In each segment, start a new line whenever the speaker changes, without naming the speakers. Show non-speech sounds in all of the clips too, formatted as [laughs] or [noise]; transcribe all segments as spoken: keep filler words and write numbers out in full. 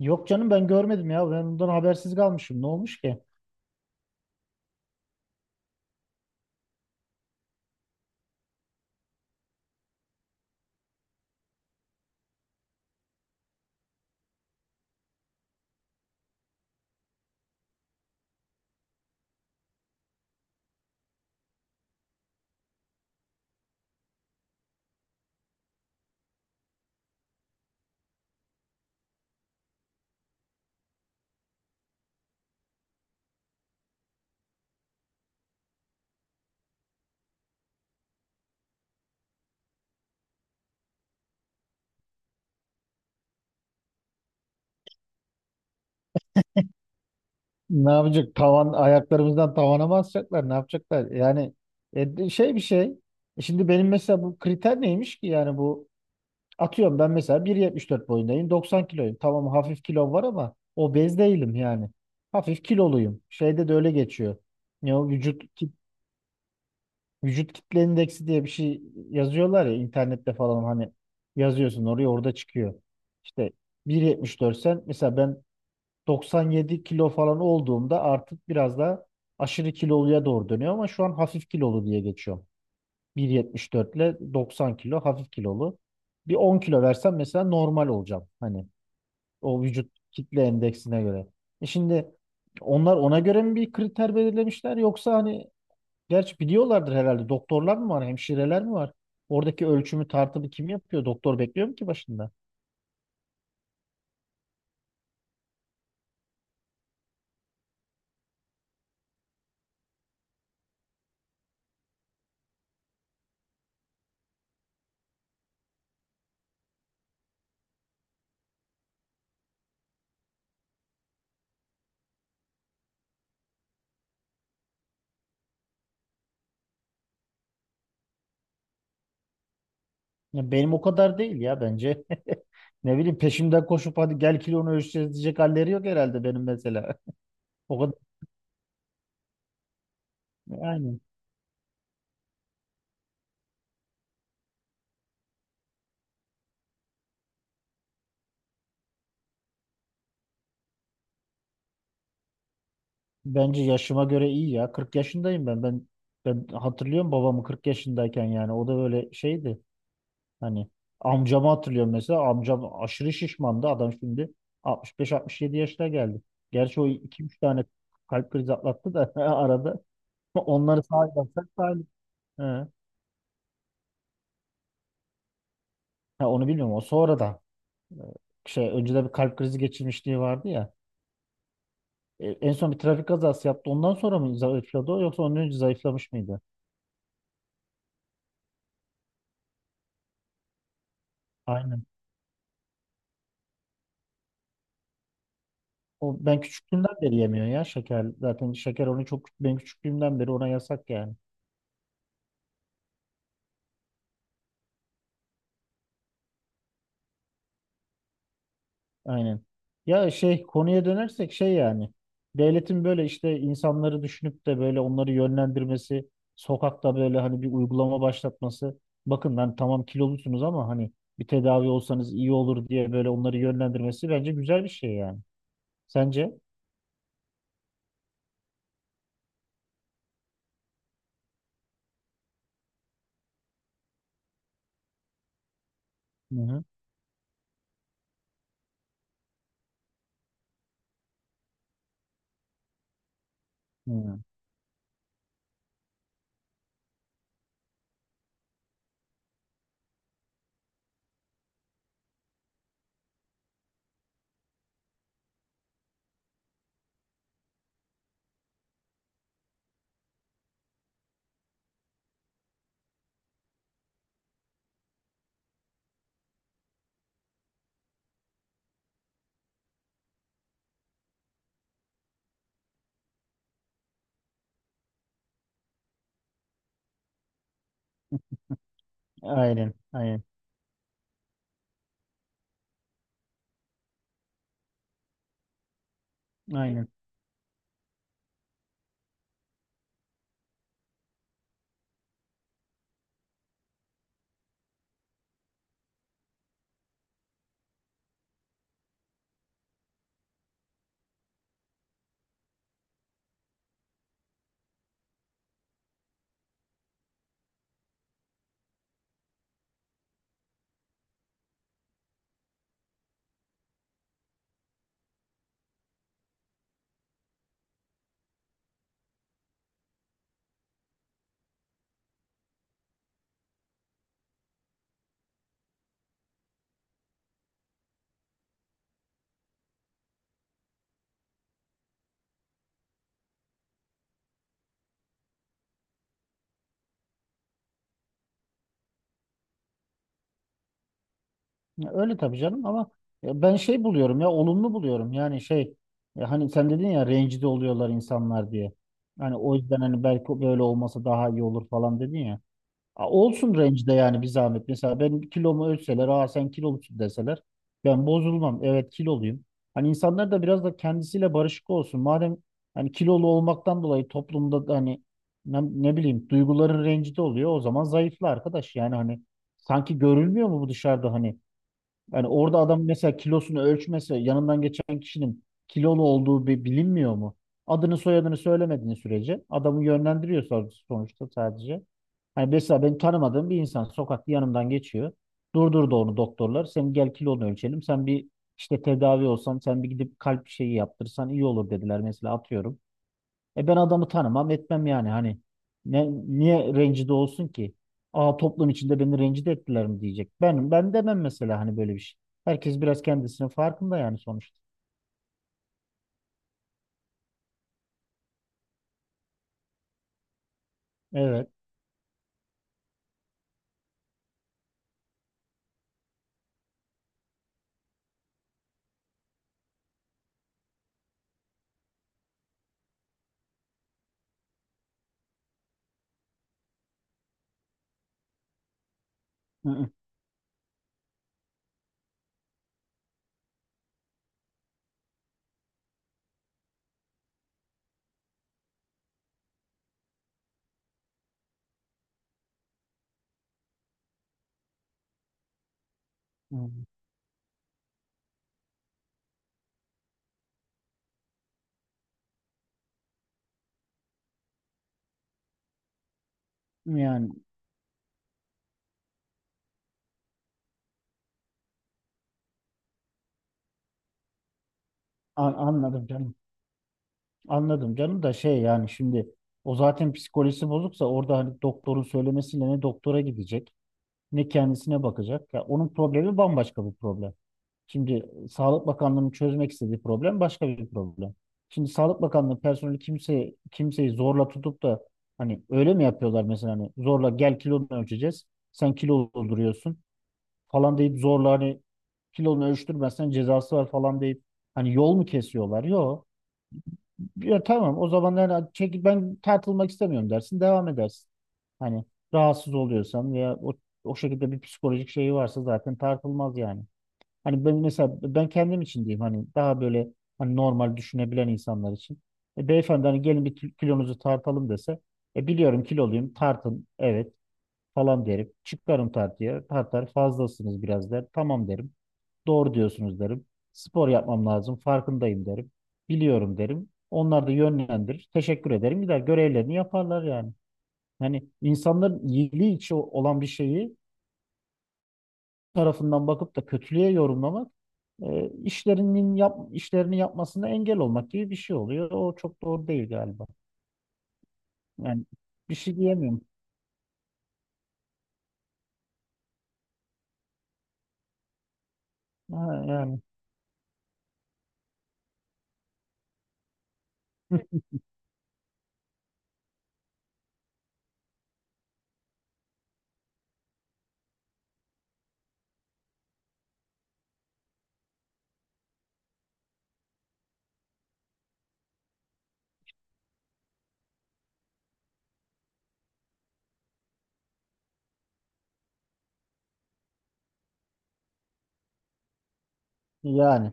Yok canım ben görmedim ya. Ben ondan habersiz kalmışım. Ne olmuş ki? Ne yapacak? Tavan ayaklarımızdan tavana mı asacaklar? Ne yapacaklar? Yani e, de- şey bir şey. E Şimdi benim mesela bu kriter neymiş ki? Yani bu atıyorum ben mesela bir yetmiş dört boyundayım. doksan kiloyum. Tamam hafif kilom var ama obez değilim yani. Hafif kiloluyum. Şeyde de öyle geçiyor. Ne o vücut kit- vücut kitle indeksi diye bir şey yazıyorlar ya internette falan hani yazıyorsun oraya orada çıkıyor. İşte bir yetmiş dört sen mesela ben doksan yedi kilo falan olduğumda artık biraz daha aşırı kiloluya doğru dönüyor ama şu an hafif kilolu diye geçiyorum. bir yetmiş dört ile doksan kilo hafif kilolu. Bir on kilo versem mesela normal olacağım. Hani o vücut kitle endeksine göre. E şimdi onlar ona göre mi bir kriter belirlemişler yoksa hani gerçi biliyorlardır herhalde doktorlar mı var, hemşireler mi var? Oradaki ölçümü tartımı kim yapıyor? Doktor bekliyor mu ki başında? Ya benim o kadar değil ya bence. [laughs] Ne bileyim peşimden koşup hadi gel kilonu ölçeceğiz diyecek halleri yok herhalde benim mesela. O kadar. Yani bence yaşıma göre iyi ya. Kırk yaşındayım ben. Ben ben hatırlıyorum babamı kırk yaşındayken yani o da böyle şeydi. Hani amcamı hatırlıyorum mesela. Amcam aşırı şişmandı. Adam şimdi altmış beş altmış yedi yaşına geldi. Gerçi o iki üç tane kalp krizi atlattı da [laughs] arada. Onları sağlarsak sağlık. He. Ha, onu bilmiyorum o sonra da. Şey önceden bir kalp krizi geçirmişliği vardı ya. E, en son bir trafik kazası yaptı. Ondan sonra mı zayıfladı o yoksa ondan önce zayıflamış mıydı? Aynen. O ben küçüklüğümden beri yemiyor ya şeker. Zaten şeker onu çok ben küçüklüğümden beri ona yasak yani. Aynen. Ya şey konuya dönersek şey yani. Devletin böyle işte insanları düşünüp de böyle onları yönlendirmesi, sokakta böyle hani bir uygulama başlatması. Bakın ben tamam kilolusunuz ama hani bir tedavi olsanız iyi olur diye böyle onları yönlendirmesi bence güzel bir şey yani. Sence? Hı hı. Hı. Aynen, aynen, aynen. Ya öyle tabii canım ama ya ben şey buluyorum ya olumlu buluyorum. Yani şey ya hani sen dedin ya rencide oluyorlar insanlar diye. Hani o yüzden hani belki böyle olmasa daha iyi olur falan dedin ya. A, Olsun rencide yani bir zahmet. Mesela ben kilomu ölçseler, aa sen kilolusun deseler ben bozulmam. Evet kiloluyum. Hani insanlar da biraz da kendisiyle barışık olsun. Madem hani kilolu olmaktan dolayı toplumda da hani ne, ne bileyim duyguların rencide oluyor o zaman zayıfla arkadaş. Yani hani sanki görülmüyor mu bu dışarıda hani yani orada adam mesela kilosunu ölçmese yanından geçen kişinin kilolu olduğu bi- bilinmiyor mu? Adını soyadını söylemediğin sürece adamı yönlendiriyor son- sonuçta sadece. Hani mesela ben tanımadığım bir insan sokakta yanımdan geçiyor. Durdurdu onu doktorlar. Sen gel kilonu ölçelim. Sen bir işte tedavi olsan sen bir gidip kalp şeyi yaptırsan iyi olur dediler mesela atıyorum. E ben adamı tanımam etmem yani hani ne, niye rencide olsun ki? Aa toplum içinde beni rencide ettiler mi diyecek. Ben ben demem mesela hani böyle bir şey. Herkes biraz kendisinin farkında yani sonuçta. Evet. Hı hı. Hı. Yani a- anladım canım. Anladım canım da şey yani şimdi o zaten psikolojisi bozuksa orada hani doktorun söylemesiyle ne doktora gidecek ne kendisine bakacak. Ya onun problemi bambaşka bir problem. Şimdi Sağlık Bakanlığı'nın çözmek istediği problem başka bir problem. Şimdi Sağlık Bakanlığı personeli kimseyi, kimseyi zorla tutup da hani öyle mi yapıyorlar mesela hani zorla gel kilonu ölçeceğiz. Sen kilo dolduruyorsun falan deyip zorla hani kilonu ölçtürmezsen cezası var falan deyip hani yol mu kesiyorlar? Yok. Ya tamam o zaman yani çekil ben tartılmak istemiyorum dersin devam edersin. Hani rahatsız oluyorsan veya o, o şekilde bir psikolojik şeyi varsa zaten tartılmaz yani. Hani ben mesela ben kendim için diyeyim hani daha böyle hani normal düşünebilen insanlar için. E, beyefendi hani gelin bir kil- kilonuzu tartalım dese e, biliyorum kiloluyum tartın evet falan derim. Çıkarım tartıya tartar fazlasınız biraz der. Tamam derim. Doğru diyorsunuz derim. Spor yapmam lazım farkındayım derim. Biliyorum derim. Onlar da yönlendirir. Teşekkür ederim. Gider görevlerini yaparlar yani. Hani insanların iyiliği için olan bir şeyi tarafından bakıp da kötülüğe yorumlamak e, işlerinin yap, işlerini yapmasına engel olmak gibi bir şey oluyor. O çok doğru değil galiba. Yani bir şey diyemiyorum. Ha, yani [laughs] yani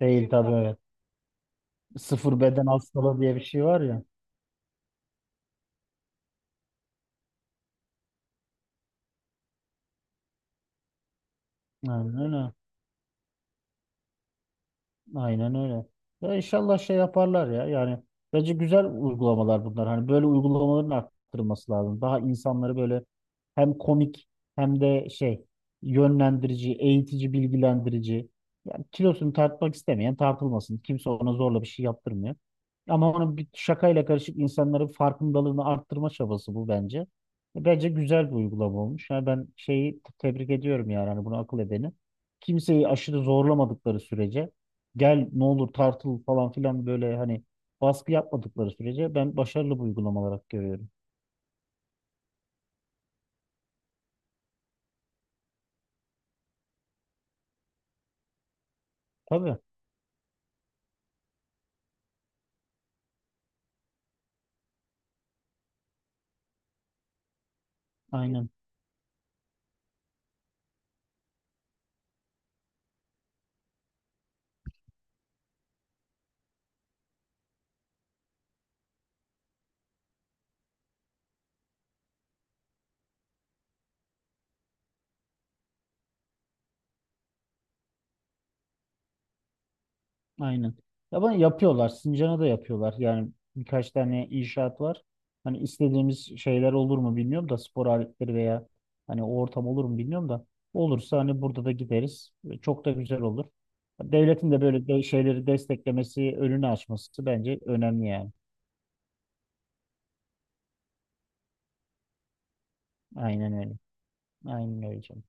değil tabii evet. Sıfır beden hastalığı diye bir şey var ya. Aynen öyle. Aynen öyle. Ya inşallah şey yaparlar ya. Yani bence güzel uygulamalar bunlar. Hani böyle uygulamaların arttırılması lazım. Daha insanları böyle hem komik hem de şey yönlendirici, eğitici, bilgilendirici. Yani kilosunu tartmak istemeyen tartılmasın. Kimse ona zorla bir şey yaptırmıyor. Ama onun bir şakayla karışık insanların farkındalığını arttırma çabası bu bence. Bence güzel bir uygulama olmuş. Yani ben şeyi tebrik ediyorum yani hani bunu akıl edeni. Kimseyi aşırı zorlamadıkları sürece gel ne olur tartıl falan filan böyle hani baskı yapmadıkları sürece ben başarılı bu uygulama olarak görüyorum. Tabii aynen aynen. Ya ben yapıyorlar Sincan'a da yapıyorlar yani birkaç tane inşaat var. Hani istediğimiz şeyler olur mu bilmiyorum da spor aletleri veya hani o ortam olur mu bilmiyorum da olursa hani burada da gideriz. Çok da güzel olur. Devletin de böyle de şeyleri desteklemesi, önünü açması bence önemli yani. Aynen öyle. Aynen öyle canım.